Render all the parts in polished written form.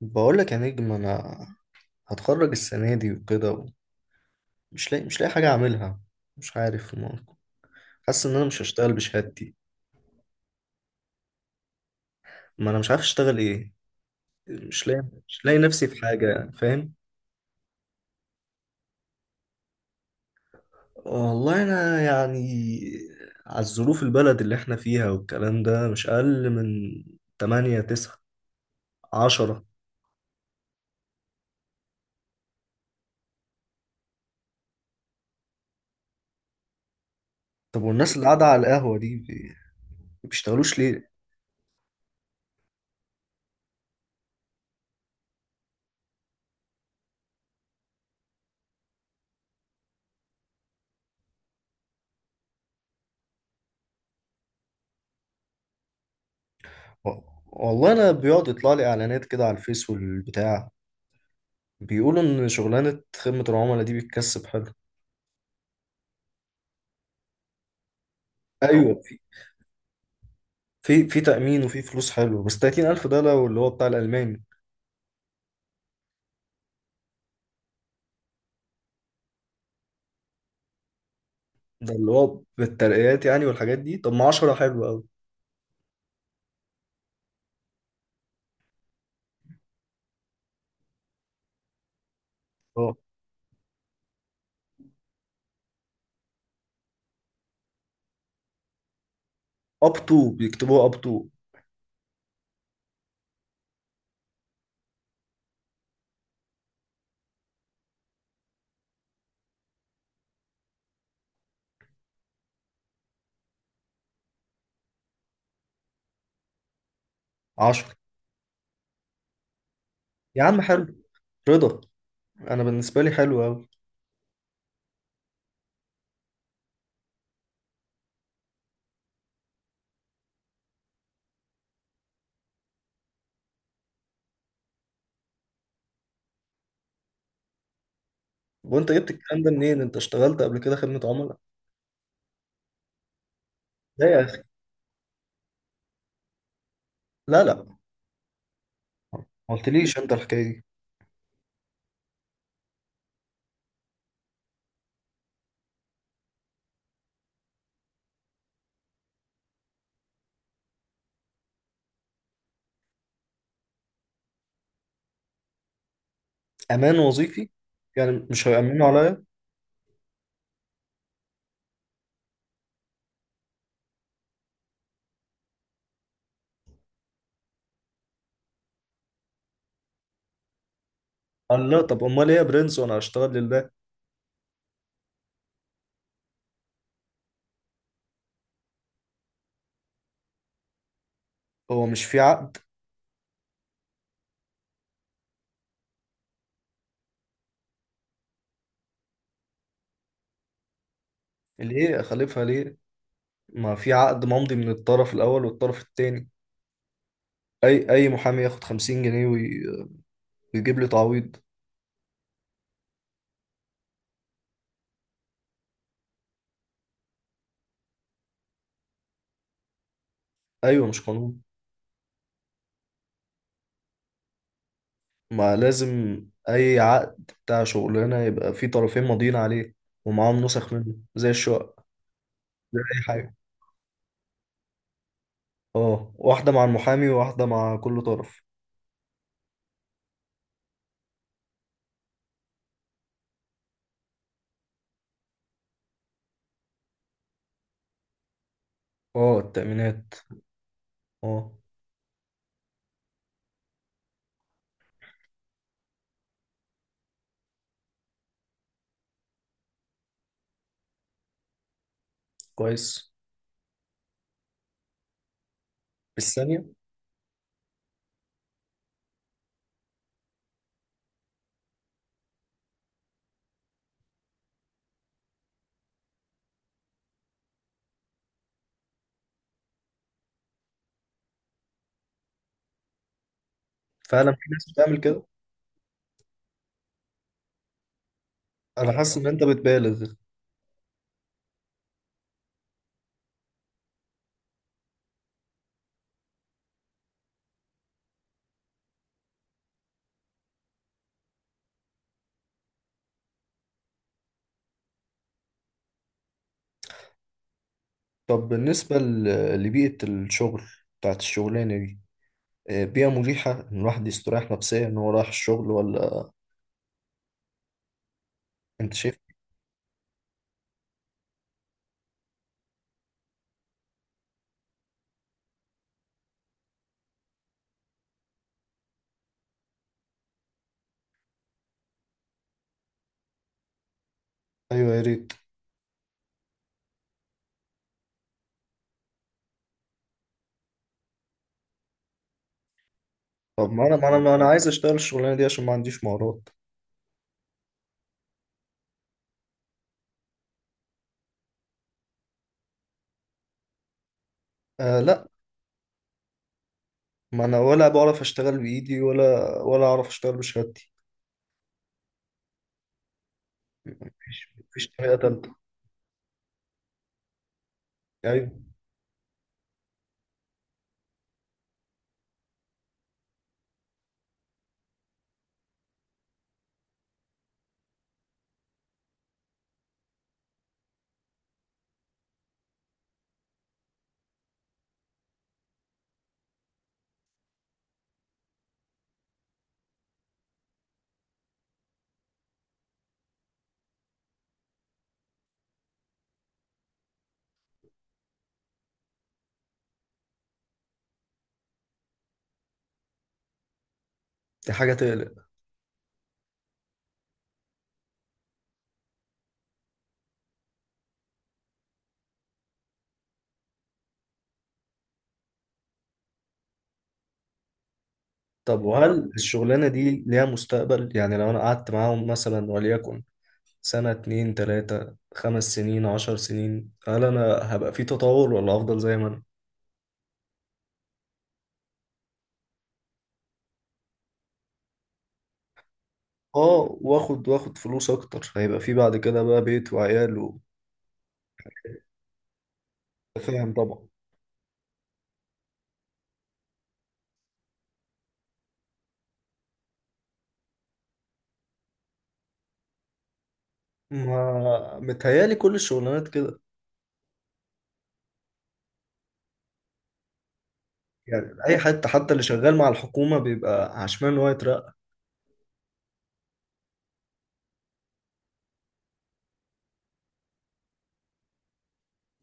بقول لك يا نجم، انا هتخرج السنه دي وكده. مش لاقي حاجه اعملها. مش عارف. حاسس ان انا مش هشتغل بشهادتي. ما انا مش عارف اشتغل ايه. مش لاقي مش لاقي نفسي في حاجه، فاهم؟ والله انا يعني على الظروف البلد اللي احنا فيها والكلام ده، مش اقل من 8 9 10. طب والناس اللي قاعده على القهوه دي بيشتغلوش ليه؟ و- والله انا بيقعد يطلع لي اعلانات كده على الفيس والبتاع، بيقولوا ان شغلانه خدمه العملاء دي بتكسب حلو. أو ايوه، في تامين وفي فلوس حلو، بس 30000 ده لو اللي هو بتاع الالماني. ده اللي هو بالترقيات يعني والحاجات دي. طب ما 10 حلو قوي. اه، اب تو، بيكتبوها اب تو. 10 يا عم، حلو رضا. انا بالنسبه لي حلو قوي. وانت جبت الكلام ده منين؟ انت اشتغلت قبل كده خدمه عملاء؟ لا يا اخي. لا، لا، ما قلتليش انت الحكايه دي. امان وظيفي؟ يعني مش هيأمنوا عليا؟ قال لا. طب امال ايه يا برنس، وانا هشتغل لله؟ هو مش في عقد؟ ليه اخالفها ليه؟ ما في عقد ممضي من الطرف الاول والطرف التاني. اي محامي ياخد 50 جنيه ويجيب لي تعويض. ايوه، مش قانون. ما لازم اي عقد بتاع شغلانه يبقى في طرفين ماضيين عليه، ومعاهم نسخ منه زي الشقه، زي اي حاجه. اه، واحده مع المحامي وواحده مع كل طرف. اه، التأمينات. اه. كويس. الثانيه. فعلا في ناس بتعمل كده. انا حاسس ان انت بتبالغ. طب بالنسبه لبيئه الشغل بتاعت الشغلانه دي، بيئة مريحة إن الواحد يستريح نفسيا إن هو رايح الشغل، ولا أنت شايف؟ أيوه يا ريت. طب ما أنا عايز أشتغل الشغلانة دي عشان ما عنديش مهارات. آه لا. ما أنا ولا بعرف أشتغل بإيدي، ولا أعرف أشتغل بشهادتي. مفيش طريقة تالتة؟ أيوه. دي حاجة تقلق. طب وهل الشغلانة دي ليها مستقبل؟ يعني لو أنا قعدت معاهم مثلا وليكن سنة اتنين تلاتة، 5 سنين، 10 سنين، هل أنا هبقى في تطور ولا أفضل زي ما أنا؟ اه، واخد فلوس اكتر. هيبقى في بعد كده بقى بيت وعيال و... فاهم طبعا. ما متهيالي كل الشغلانات كده؟ يعني اي حد حتى اللي شغال مع الحكومة بيبقى عشمان ان هو يترقى.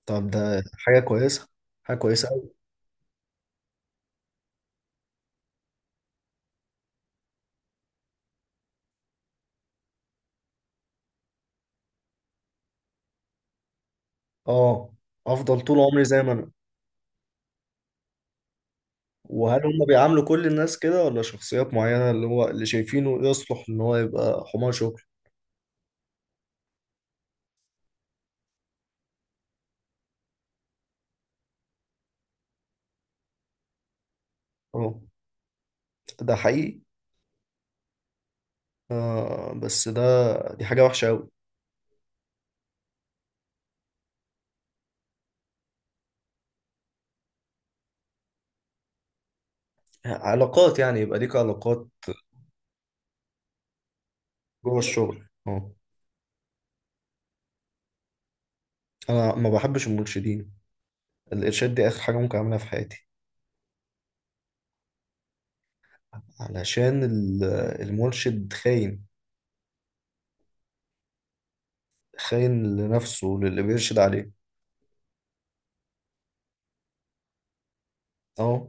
طب ده حاجة كويسة، حاجة كويسة أوي. اه، افضل طول عمري زي ما انا؟ وهل هم بيعاملوا كل الناس كده ولا شخصيات معينة، اللي هو اللي شايفينه يصلح ان هو يبقى حمار شغل؟ اه، ده حقيقي. آه بس ده، دي حاجة وحشة أوي. علاقات يعني، يبقى ليك علاقات جوه الشغل. اه. انا ما بحبش المرشدين. الارشاد دي اخر حاجه ممكن اعملها في حياتي. علشان المرشد خاين، خاين لنفسه وللي بيرشد عليه. اه.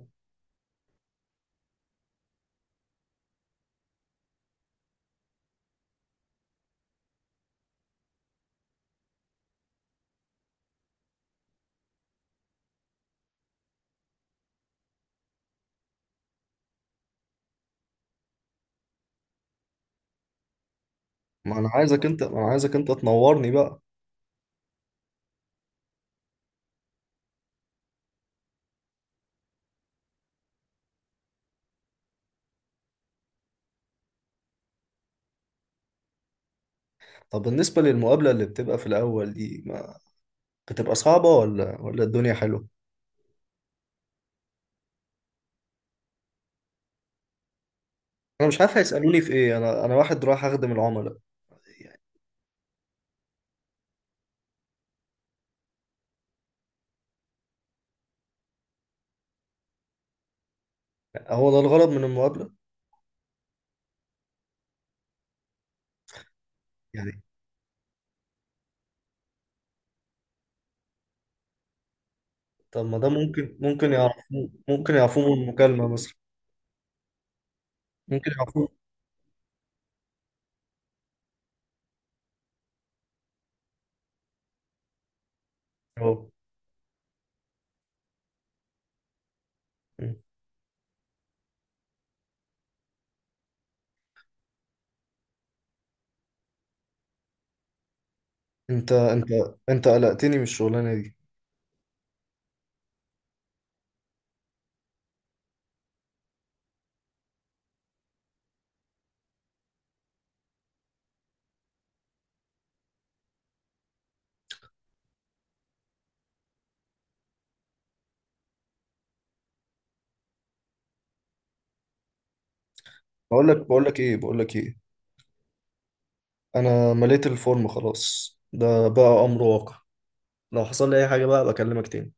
ما انا عايزك انت تنورني بقى. طب بالنسبه للمقابله اللي بتبقى في الاول دي، ما بتبقى صعبه ولا الدنيا حلوه؟ انا مش عارف هيسالوني في ايه. انا واحد رايح اخدم العملاء. هو ده الغرض من المقابله يعني؟ طب ما ده ممكن يعرفوه، ممكن يعرفوه من المكالمه مثلا؟ ممكن يعرفوه. اه. انت انت انت قلقتني من الشغلانه دي. بقول لك ايه؟ انا مليت الفورم خلاص، ده بقى امر واقع. لو حصل لي اي حاجه بقى بكلمك تاني.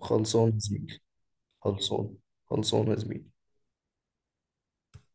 خلصان يا زميلي. خلصان، خلصان يا زميلي.